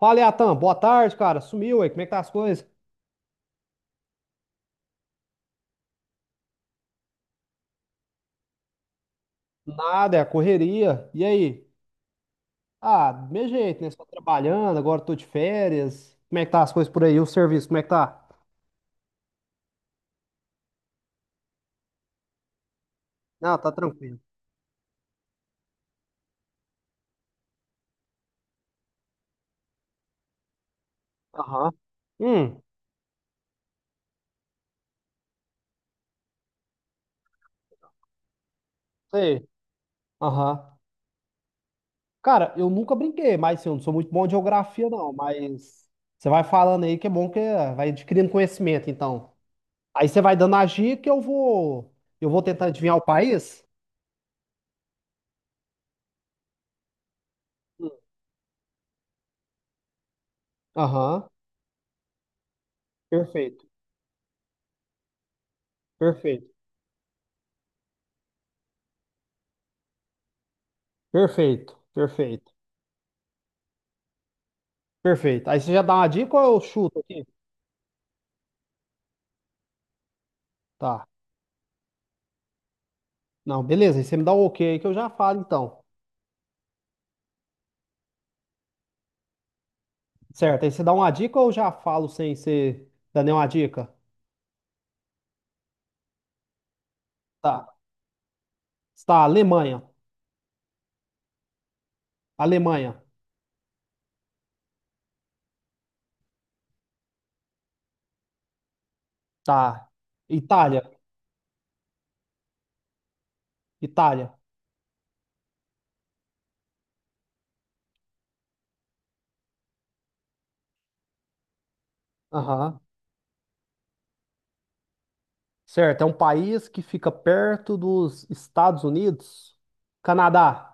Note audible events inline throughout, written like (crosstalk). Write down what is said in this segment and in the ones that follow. Fala, Atan, boa tarde, cara. Sumiu aí, como é que tá as coisas? Nada, é a correria. E aí? Ah, do mesmo jeito, né? Só trabalhando, agora tô de férias. Como é que tá as coisas por aí? O serviço, como é que tá? Ah, tá tranquilo. Aham. Hum, sei. Aham. Cara, eu nunca brinquei, mas assim, eu não sou muito bom de geografia, não. Mas você vai falando aí que é bom, que é, vai adquirindo conhecimento, então. Aí você vai dando a dica e eu vou. Eu vou tentar adivinhar o país? Hum. Aham. Perfeito, perfeito. Perfeito, perfeito, perfeito. Aí você já dá uma dica ou eu chuto aqui? Tá. Não, beleza. Aí você me dá o ok aí que eu já falo então. Certo. Aí você dá uma dica ou eu já falo sem você dar nenhuma dica? Tá. Está Alemanha. Alemanha. Tá. Itália. Itália. Aham. Certo. É um país que fica perto dos Estados Unidos. Canadá.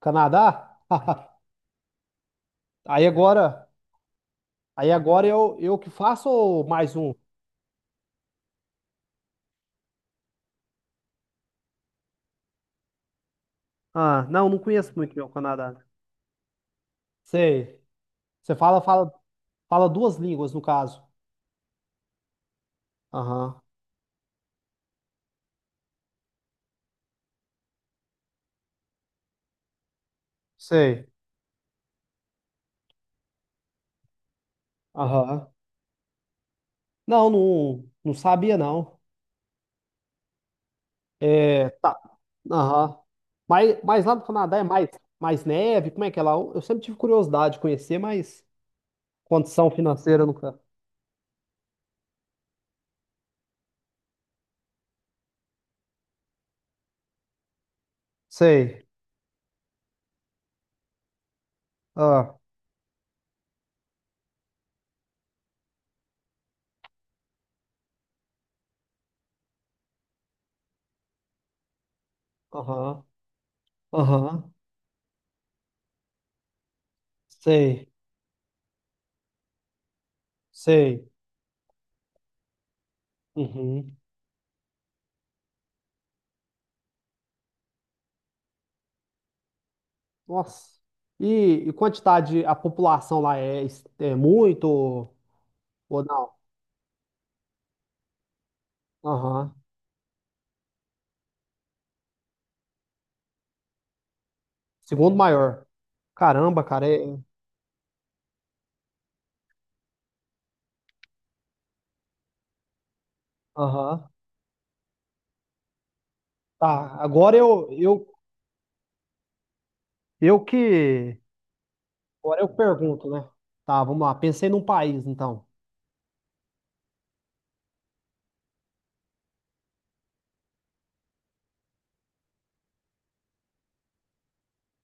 Canadá? (laughs) Aí agora, aí agora eu que faço ou mais um? Ah, não, não conheço muito meu Canadá. Sei. Você fala, fala, fala duas línguas, no caso. Aham. Sei. Aham. Não, não, não sabia, não. É, tá. Aham. Mas lá no Canadá é mais, mais neve? Como é que é lá? Eu sempre tive curiosidade de conhecer, mas condição financeira nunca. Sei. Ah. Aham. Aham. Sei. Sei. Uhum. Nossa. E, e quantidade, a população lá é, é muito ou não? Aham. Segundo maior. Caramba, cara. É. Aham. Tá, agora eu que. Agora eu pergunto, né? Tá, vamos lá. Pensei num país, então.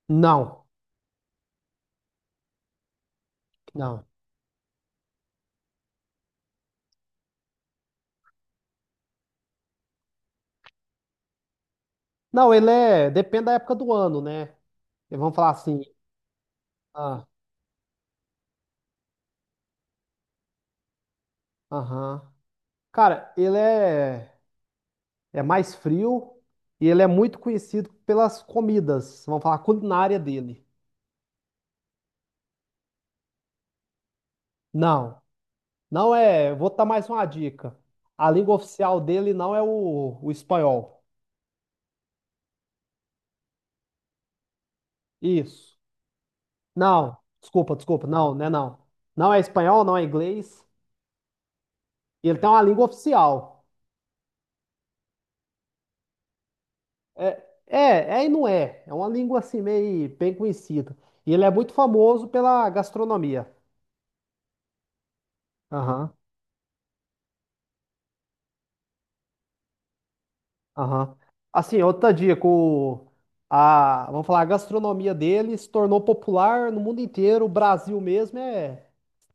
Não, não. Não, ele é. Depende da época do ano, né? E vamos falar assim. Ah, aham. Cara, ele é, é mais frio e ele é muito conhecido pelas comidas. Vamos falar a culinária dele. Não, não é. Vou dar mais uma dica. A língua oficial dele não é o espanhol. Isso. Não, desculpa, desculpa. Não, né? Não. Não é espanhol, não é inglês. E ele tem uma língua oficial. É, é, é e não é. É uma língua assim meio bem conhecida. E ele é muito famoso pela gastronomia. Aham, aham. Assim, outra dica, o, a, vamos falar, a gastronomia dele se tornou popular no mundo inteiro. O Brasil mesmo é.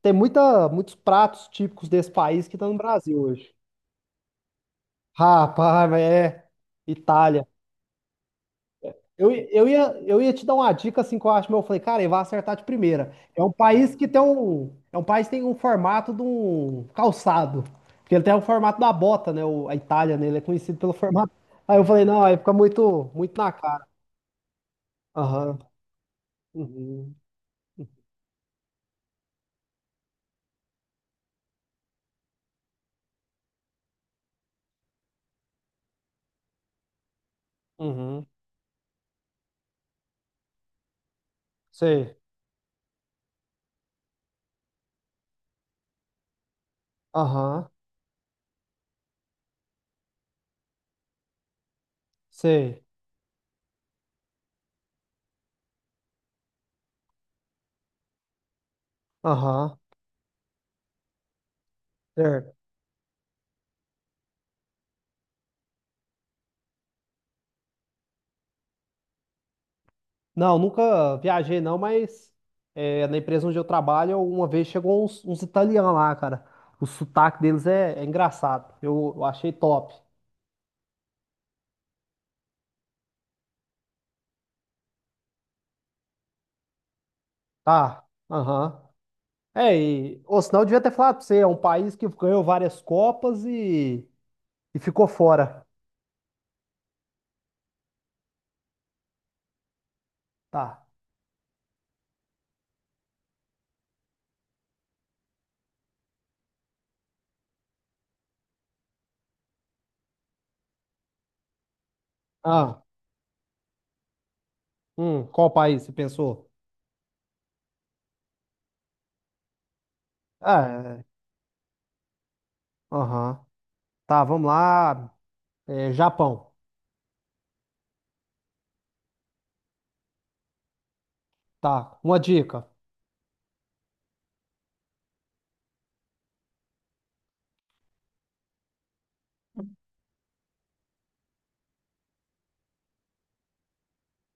Tem muita, muitos pratos típicos desse país que estão no Brasil hoje. Rapaz, mas é. Itália. Eu ia te dar uma dica assim que eu acho, mas eu falei, cara, ele vai acertar de primeira. É um país que tem um, é um país que tem um formato de um calçado, porque ele tem o formato da bota, né? O- a Itália, né? Ele é conhecido pelo formato. Aí eu falei, não, aí fica muito, muito na cara. Aham. Uhum. Uhum. Sei. Aham. Sei. Aham. Certo. Não, nunca viajei não, mas é, na empresa onde eu trabalho, uma vez chegou uns, uns italianos lá, cara. O sotaque deles é, é engraçado. Eu achei top. Tá, aham. É, e, ou senão eu devia ter falado pra você, é um país que ganhou várias copas e ficou fora. Tá. Ah, qual país você pensou? Ah, é, aham. Tá, vamos lá. É, Japão. Tá, uma dica.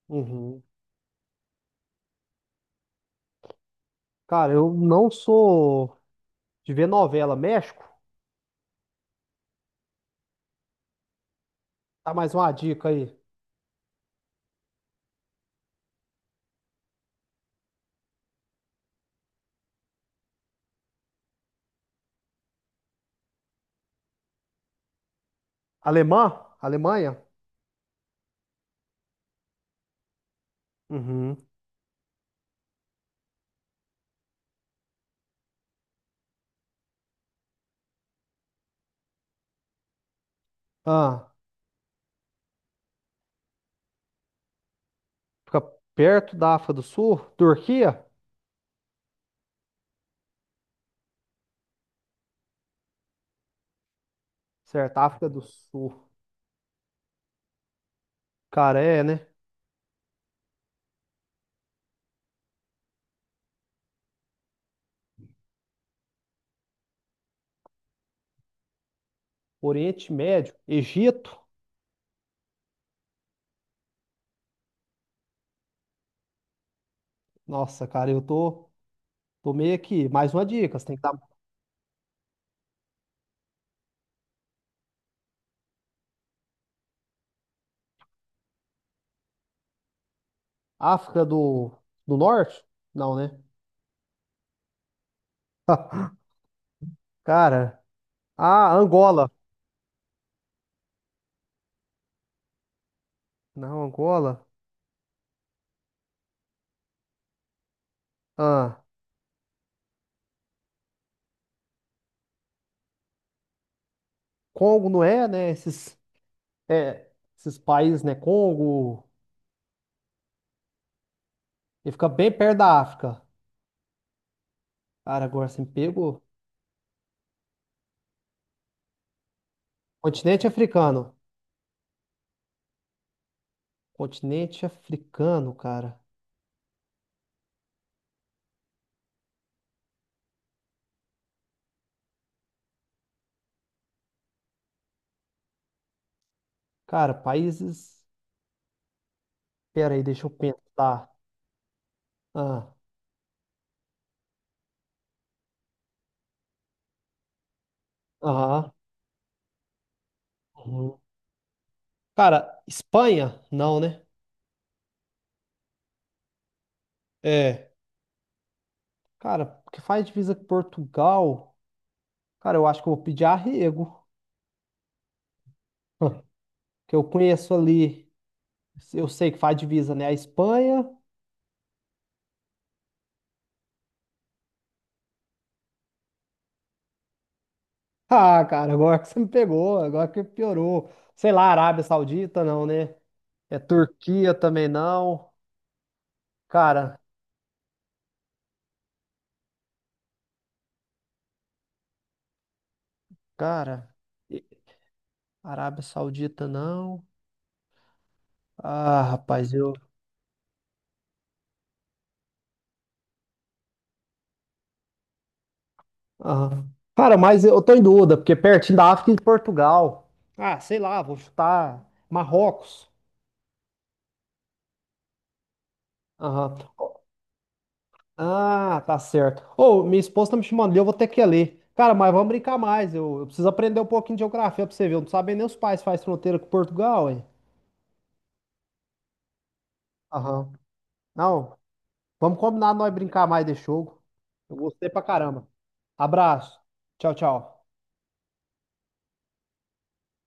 Uhum. Cara, eu não sou de ver novela. México? Tá, mais uma dica aí. Alemã? Alemanha? Uhum. Ah, fica perto da África do Sul? Turquia? Certo, África do Sul. Cara, é, né? Oriente Médio, Egito? Nossa, cara, eu tô, tô meio aqui. Mais uma dica, você tem que dar. África do, do Norte? Não, né? (laughs) Cara, ah, Angola. Não, Angola. Ah, Congo não é, né? Esses, é, esses países, né? Congo, ele fica bem perto da África. Cara, agora você me pegou. Continente africano. Continente africano, cara. Cara, países. Pera aí, deixa eu pensar. Ah, aham. Uhum. Cara, Espanha? Não, né? É. Cara, o que faz divisa com Portugal? Cara, eu acho que eu vou pedir arrego. (laughs) Que eu conheço ali. Eu sei que faz divisa, né? A Espanha. (laughs) Ah, cara, agora que você me pegou. Agora que piorou. Sei lá, Arábia Saudita, não, né? É Turquia também não. Cara. Cara, e- Arábia Saudita não. Ah, rapaz, eu. Ah. Cara, mas eu tô em dúvida, porque é pertinho da África e de Portugal. Ah, sei lá, vou chutar Marrocos. Aham. Ah, tá certo. Ô, minha esposa tá me chamando ali, eu vou ter que ir ali. Cara, mas vamos brincar mais. Eu preciso aprender um pouquinho de geografia pra você ver. Eu não sabia nem os pais faz fronteira com Portugal, hein? Aham. Não, vamos combinar nós brincar mais desse jogo. Eu gostei pra caramba. Abraço. Tchau, tchau.